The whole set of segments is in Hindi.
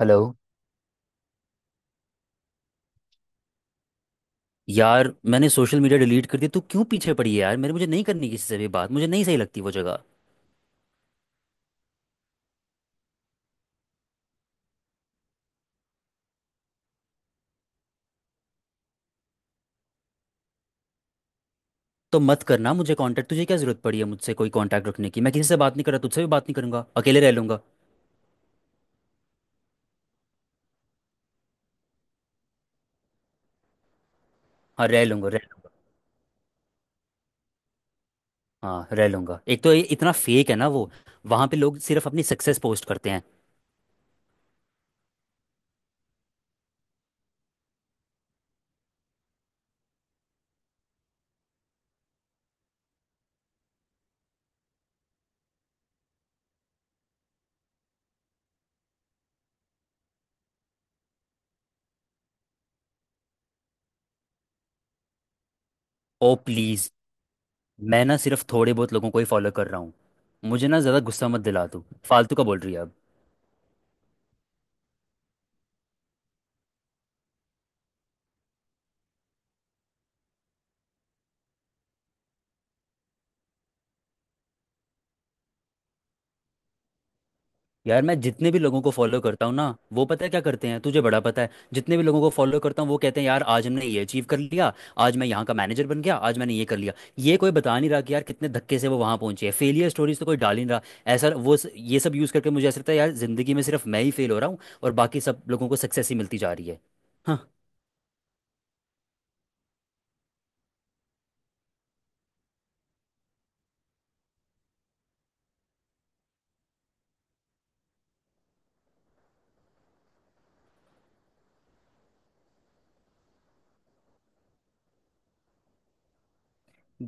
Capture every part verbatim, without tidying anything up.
हेलो। यार, मैंने सोशल मीडिया डिलीट कर दिया। तू क्यों पीछे पड़ी है यार? मेरे मुझे नहीं करनी किसी से भी बात। मुझे नहीं सही लगती वो जगह। तो मत करना मुझे कांटेक्ट। तुझे क्या जरूरत पड़ी है मुझसे कोई कांटेक्ट रखने की? मैं किसी से बात नहीं कर रहा, तुझसे भी बात नहीं करूंगा, अकेले रह लूंगा। हाँ, रह लूंगा, रह लूंगा। हाँ, रह लूंगा। एक तो ये इतना फेक है ना वो। वहाँ पे लोग सिर्फ अपनी सक्सेस पोस्ट करते हैं। ओ प्लीज़! मैं ना सिर्फ थोड़े बहुत लोगों को ही फॉलो कर रहा हूँ। मुझे ना ज़्यादा गुस्सा मत दिला, तू फालतू का बोल रही है अब। यार, मैं जितने भी लोगों को फॉलो करता हूँ ना, वो पता है क्या करते हैं? तुझे बड़ा पता है। जितने भी लोगों को फॉलो करता हूँ वो कहते हैं, यार आज हमने ये अचीव कर लिया, आज मैं यहाँ का मैनेजर बन गया, आज मैंने ये कर लिया। ये कोई बता नहीं रहा कि यार कितने धक्के से वो वहाँ पहुंचे है। फेलियर स्टोरीज तो कोई डाल ही नहीं रहा। ऐसा वो स- ये सब यूज़ करके मुझे ऐसा लगता है यार, ज़िंदगी में सिर्फ मैं ही फेल हो रहा हूँ और बाकी सब लोगों को सक्सेस ही मिलती जा रही है। हाँ।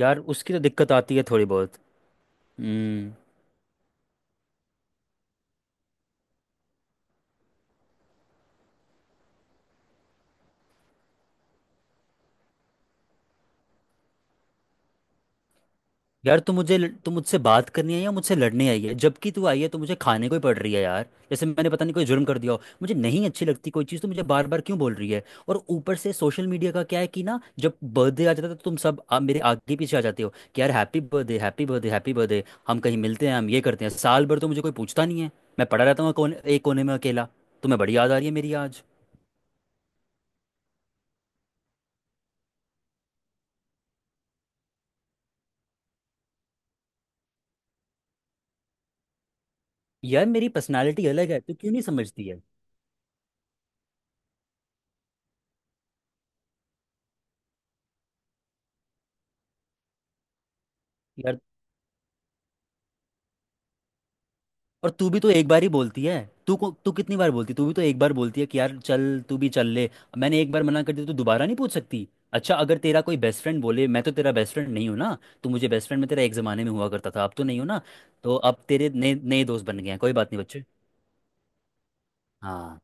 यार उसकी तो दिक्कत आती है थोड़ी बहुत। हम्म। यार तू मुझे तू मुझसे बात करनी है या मुझसे लड़ने आई है? जबकि तू आई है तो मुझे खाने को ही पड़ रही है यार, जैसे मैंने पता नहीं कोई जुर्म कर दिया हो। मुझे नहीं अच्छी लगती कोई चीज़, तो मुझे बार बार क्यों बोल रही है? और ऊपर से सोशल मीडिया का क्या है कि ना, जब बर्थडे आ जाता है तो तुम सब आ, मेरे आगे पीछे आ जाते हो कि यार happy birthday, happy birthday, happy birthday, हम कहीं मिलते हैं, हम ये करते हैं। साल भर तो मुझे कोई पूछता नहीं है। मैं पड़ा रहता हूँ कोने एक कोने में, अकेला। तुम्हें बड़ी याद आ रही है मेरी आज। यार मेरी पर्सनैलिटी अलग है, तू क्यों नहीं समझती है? यार और तू भी तो एक बार ही बोलती है। तू को तू कितनी बार बोलती है? तू भी तो एक बार बोलती है कि यार चल, तू भी चल ले। मैंने एक बार मना कर दिया तो दोबारा नहीं पूछ सकती? अच्छा, अगर तेरा कोई बेस्ट फ्रेंड बोले। मैं तो तेरा बेस्ट फ्रेंड नहीं हूँ ना। तू मुझे बेस्ट फ्रेंड में तेरा एक ज़माने में हुआ करता था, अब तो नहीं हो ना। तो अब तेरे नए नए दोस्त बन गए हैं, कोई बात नहीं बच्चे। हाँ,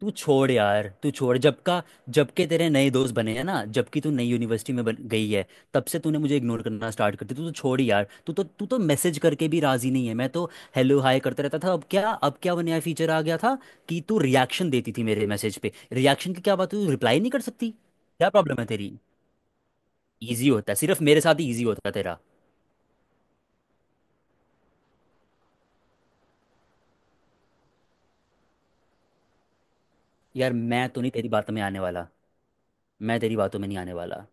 तू छोड़ यार, तू छोड़ जब का। जब के तेरे नए दोस्त बने हैं ना, जबकि तू नई यूनिवर्सिटी में बन गई है, तब से तूने मुझे इग्नोर करना स्टार्ट कर दिया। तू तो छोड़ यार, तू तो तू तो मैसेज करके भी राजी नहीं है। मैं तो हेलो हाय करता रहता था। अब क्या अब क्या वो नया फीचर आ गया था कि तू रिएक्शन देती थी मेरे मैसेज पे। रिएक्शन की क्या बात, तू रिप्लाई नहीं कर सकती? क्या प्रॉब्लम है तेरी? ईजी होता है, सिर्फ मेरे साथ ही ईजी होता है तेरा। यार मैं तो नहीं तेरी बातों में आने वाला। मैं तेरी बातों में नहीं आने वाला।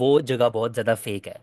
वो जगह बहुत ज़्यादा फेक है।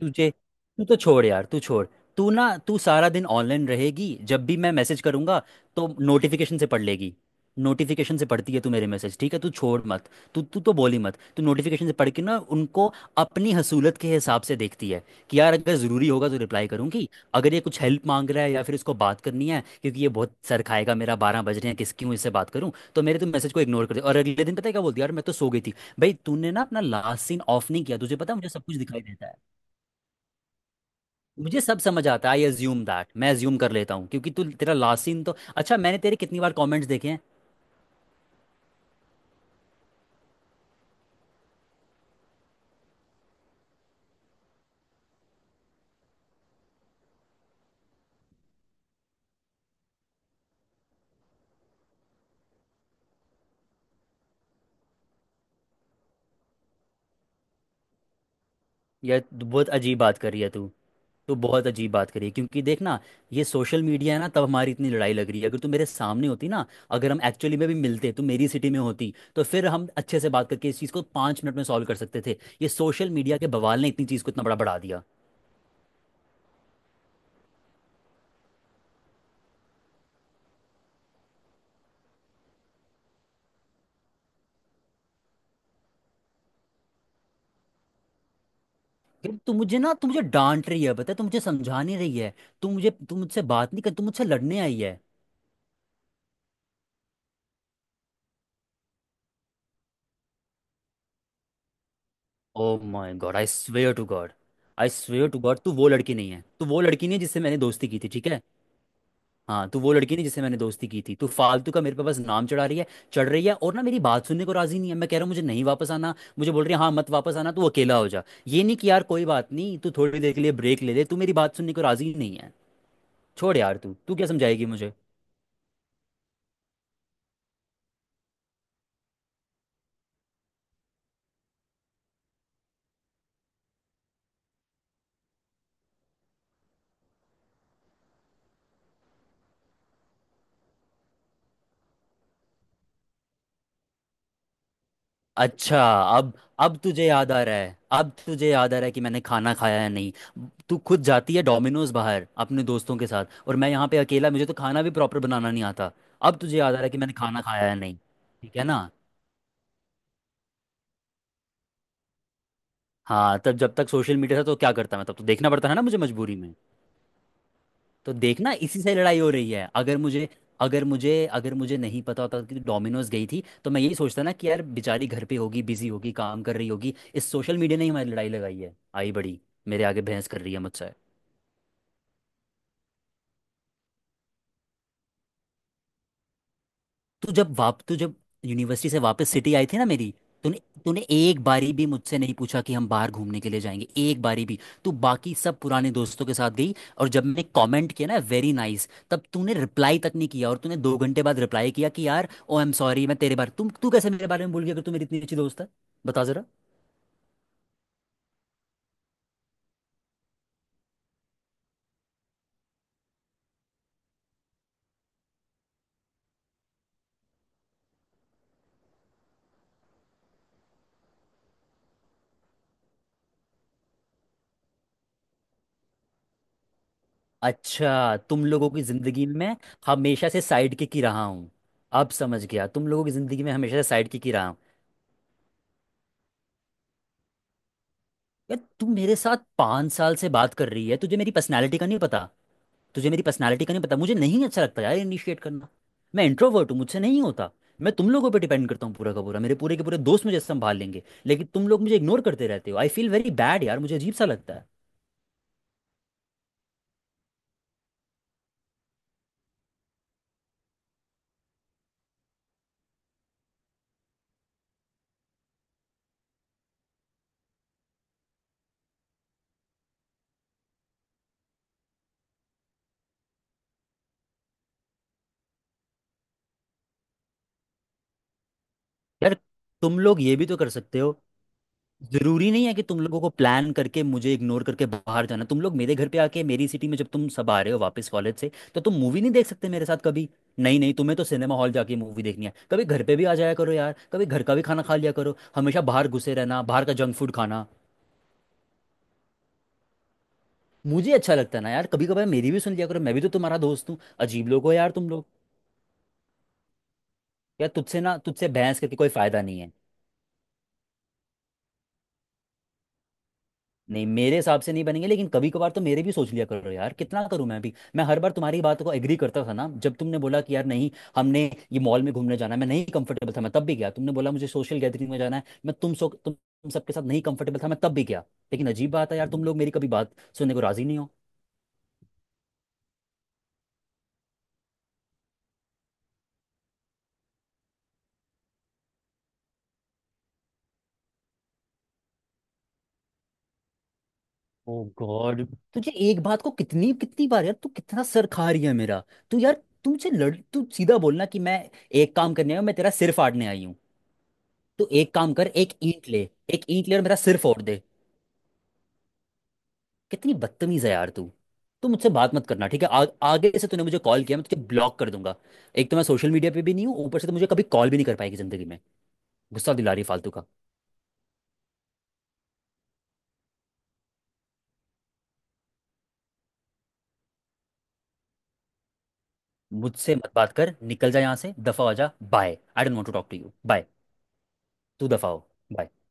तुझे। तू तो छोड़ यार, तू छोड़। तू ना तू सारा दिन ऑनलाइन रहेगी। जब भी मैं मैसेज करूंगा तो नोटिफिकेशन से पढ़ लेगी। नोटिफिकेशन से पढ़ती है तू मेरे मैसेज, ठीक है? तू छोड़ मत। तू तू तो बोली मत। तू नोटिफिकेशन से पढ़ के ना उनको अपनी हसूलत के हिसाब से देखती है कि यार अगर ज़रूरी होगा तो रिप्लाई करूंगी, अगर ये कुछ हेल्प मांग रहा है या फिर इसको बात करनी है क्योंकि ये बहुत सर खाएगा मेरा, बारह बज रहे हैं, किस क्यों इससे बात करूं, तो मेरे तो मैसेज को इग्नोर कर दे। और अगले दिन पता है क्या बोलती है? यार मैं तो सो गई थी। भाई, तूने ना अपना लास्ट सीन ऑफ नहीं किया, तुझे पता है मुझे सब कुछ दिखाई देता है। मुझे सब समझ आता है, आई अज्यूम दैट, मैं अज्यूम कर लेता हूँ क्योंकि तू तेरा लास्ट सीन तो, अच्छा मैंने तेरे कितनी बार कमेंट्स देखे हैं। यार तू बहुत अजीब बात कर रही है। तू तू बहुत अजीब बात करी है क्योंकि देख ना, ये सोशल मीडिया है ना, तब हमारी इतनी लड़ाई लग रही है। अगर तू मेरे सामने होती ना, अगर हम एक्चुअली में भी मिलते, तू मेरी सिटी में होती, तो फिर हम अच्छे से बात करके इस चीज़ को पाँच मिनट में सॉल्व कर सकते थे। ये सोशल मीडिया के बवाल ने इतनी चीज़ को इतना बड़ा बढ़ा दिया। फिर तू मुझे ना, तू मुझे डांट रही है पता है, तू मुझे समझा नहीं रही है। तू मुझे तू मुझसे बात नहीं कर, तू मुझसे लड़ने आई है। Oh my god! I swear to god. I swear to god, तू वो लड़की नहीं है, तू वो लड़की नहीं है जिससे मैंने दोस्ती की थी, ठीक है? हाँ, तू वो लड़की नहीं जिससे मैंने दोस्ती की थी। तू फालतू का मेरे पे बस नाम चढ़ा रही है, चढ़ रही है और ना मेरी बात सुनने को राजी नहीं है। मैं कह रहा हूँ मुझे नहीं वापस आना, मुझे बोल रही है हाँ मत वापस आना, तू अकेला हो जा। ये नहीं कि यार कोई बात नहीं, तू थोड़ी देर के लिए ब्रेक ले ले। तू मेरी बात सुनने को राजी नहीं है। छोड़ यार, तू तू क्या समझाएगी मुझे। अच्छा। अब अब तुझे याद आ रहा है, अब तुझे याद आ रहा है कि मैंने खाना खाया है नहीं। तू खुद जाती है डोमिनोज बाहर अपने दोस्तों के साथ और मैं यहाँ पे अकेला, मुझे तो खाना भी प्रॉपर बनाना नहीं आता। अब तुझे याद आ रहा है कि मैंने खाना खाया है नहीं, ठीक है ना? हाँ, तब जब तक सोशल मीडिया था तो क्या करता मैं, तब तो देखना पड़ता है ना मुझे मजबूरी में। तो देखना, इसी से लड़ाई हो रही है। अगर मुझे, अगर मुझे अगर मुझे नहीं पता होता कि डोमिनोज गई थी, तो मैं यही सोचता ना कि यार बेचारी घर पे होगी, बिजी होगी, काम कर रही होगी। इस सोशल मीडिया ने ही हमारी लड़ाई लगाई है। आई बड़ी मेरे आगे बहस कर रही है मुझसे। तू जब वाप तू जब यूनिवर्सिटी से वापस सिटी आई थी ना मेरी, तूने तूने एक बारी भी मुझसे नहीं पूछा कि हम बाहर घूमने के लिए जाएंगे, एक बारी भी। तू बाकी सब पुराने दोस्तों के साथ गई और जब मैंने कमेंट किया ना वेरी नाइस, तब तूने रिप्लाई तक नहीं किया। और तूने दो घंटे बाद रिप्लाई किया कि यार ओ आई एम सॉरी, मैं तेरे बारे तुम तू कैसे मेरे बारे में भूल गया अगर तू मेरी इतनी अच्छी दोस्त है? बता जरा। अच्छा, तुम लोगों की जिंदगी में हमेशा से साइड किक ही रहा हूँ। अब समझ गया, तुम लोगों की जिंदगी में हमेशा से साइड किक ही रहा हूँ। यार तू मेरे साथ पाँच साल से बात कर रही है, तुझे मेरी पर्सनालिटी का नहीं पता। तुझे मेरी पर्सनालिटी का नहीं पता, मुझे नहीं अच्छा लगता यार इनिशिएट करना। मैं इंट्रोवर्ट हूँ, मुझसे नहीं होता। मैं तुम लोगों पे डिपेंड करता हूँ पूरा का पूरा, मेरे पूरे के पूरे दोस्त मुझे संभाल लेंगे, लेकिन तुम लोग मुझे इग्नोर करते रहते हो। आई फील वेरी बैड यार, मुझे अजीब सा लगता है। यार तुम लोग ये भी तो कर सकते हो। जरूरी नहीं है कि तुम लोगों को प्लान करके मुझे इग्नोर करके बाहर जाना। तुम लोग मेरे घर पे आके, मेरी सिटी में जब तुम सब आ रहे हो वापस कॉलेज से, तो तुम मूवी नहीं देख सकते मेरे साथ कभी? नहीं नहीं, तुम्हें तो सिनेमा हॉल जाके मूवी देखनी है। कभी घर पे भी आ जाया करो यार, कभी घर का भी खाना खा लिया करो। हमेशा बाहर घुसे रहना, बाहर का जंक फूड खाना। मुझे अच्छा लगता है ना यार, कभी कभार मेरी भी सुन लिया करो, मैं भी तो तुम्हारा दोस्त हूँ। अजीब लोग हो यार तुम लोग। यार तुझसे ना, तुझसे बहस करके कोई फायदा नहीं है। नहीं, मेरे हिसाब से नहीं बनेंगे, लेकिन कभी कभार तो मेरे भी सोच लिया करो यार। कितना करूं मैं भी! मैं हर बार तुम्हारी बात को एग्री करता था ना, जब तुमने बोला कि यार नहीं, हमने ये मॉल में घूमने जाना है, मैं नहीं कंफर्टेबल था, मैं तब भी गया। तुमने बोला मुझे सोशल गैदरिंग में जाना है, मैं तुम सो तुम तुम सबके साथ नहीं कंफर्टेबल था, मैं तब भी गया। लेकिन अजीब बात है यार, तुम लोग मेरी कभी बात सुनने को राजी नहीं हो। ओ गॉड! तुझे एक बात को कितनी कितनी बार यार, तू कितना सर खा रही है मेरा। तू यार तुमसे लड़ तू सीधा बोलना कि मैं एक काम करने आया हूं, मैं तेरा सिर फाड़ने आई हूँ। तू एक काम कर, एक ईंट ले, एक ईंट ले और मेरा सिर फोड़ दे। कितनी बदतमीज है यार तू! तू मुझसे बात मत करना, ठीक है? आ, आगे से तूने मुझे कॉल किया मैं तुझे ब्लॉक कर दूंगा। एक तो मैं सोशल मीडिया पे भी नहीं हूँ, ऊपर से तो मुझे कभी कॉल भी नहीं कर पाएगी जिंदगी में। गुस्सा दिला रही है फालतू का। मुझसे मत बात कर, निकल जा यहाँ से, दफा हो जा। Bye! I don't want to talk to you. Bye! तू दफा हो। Bye.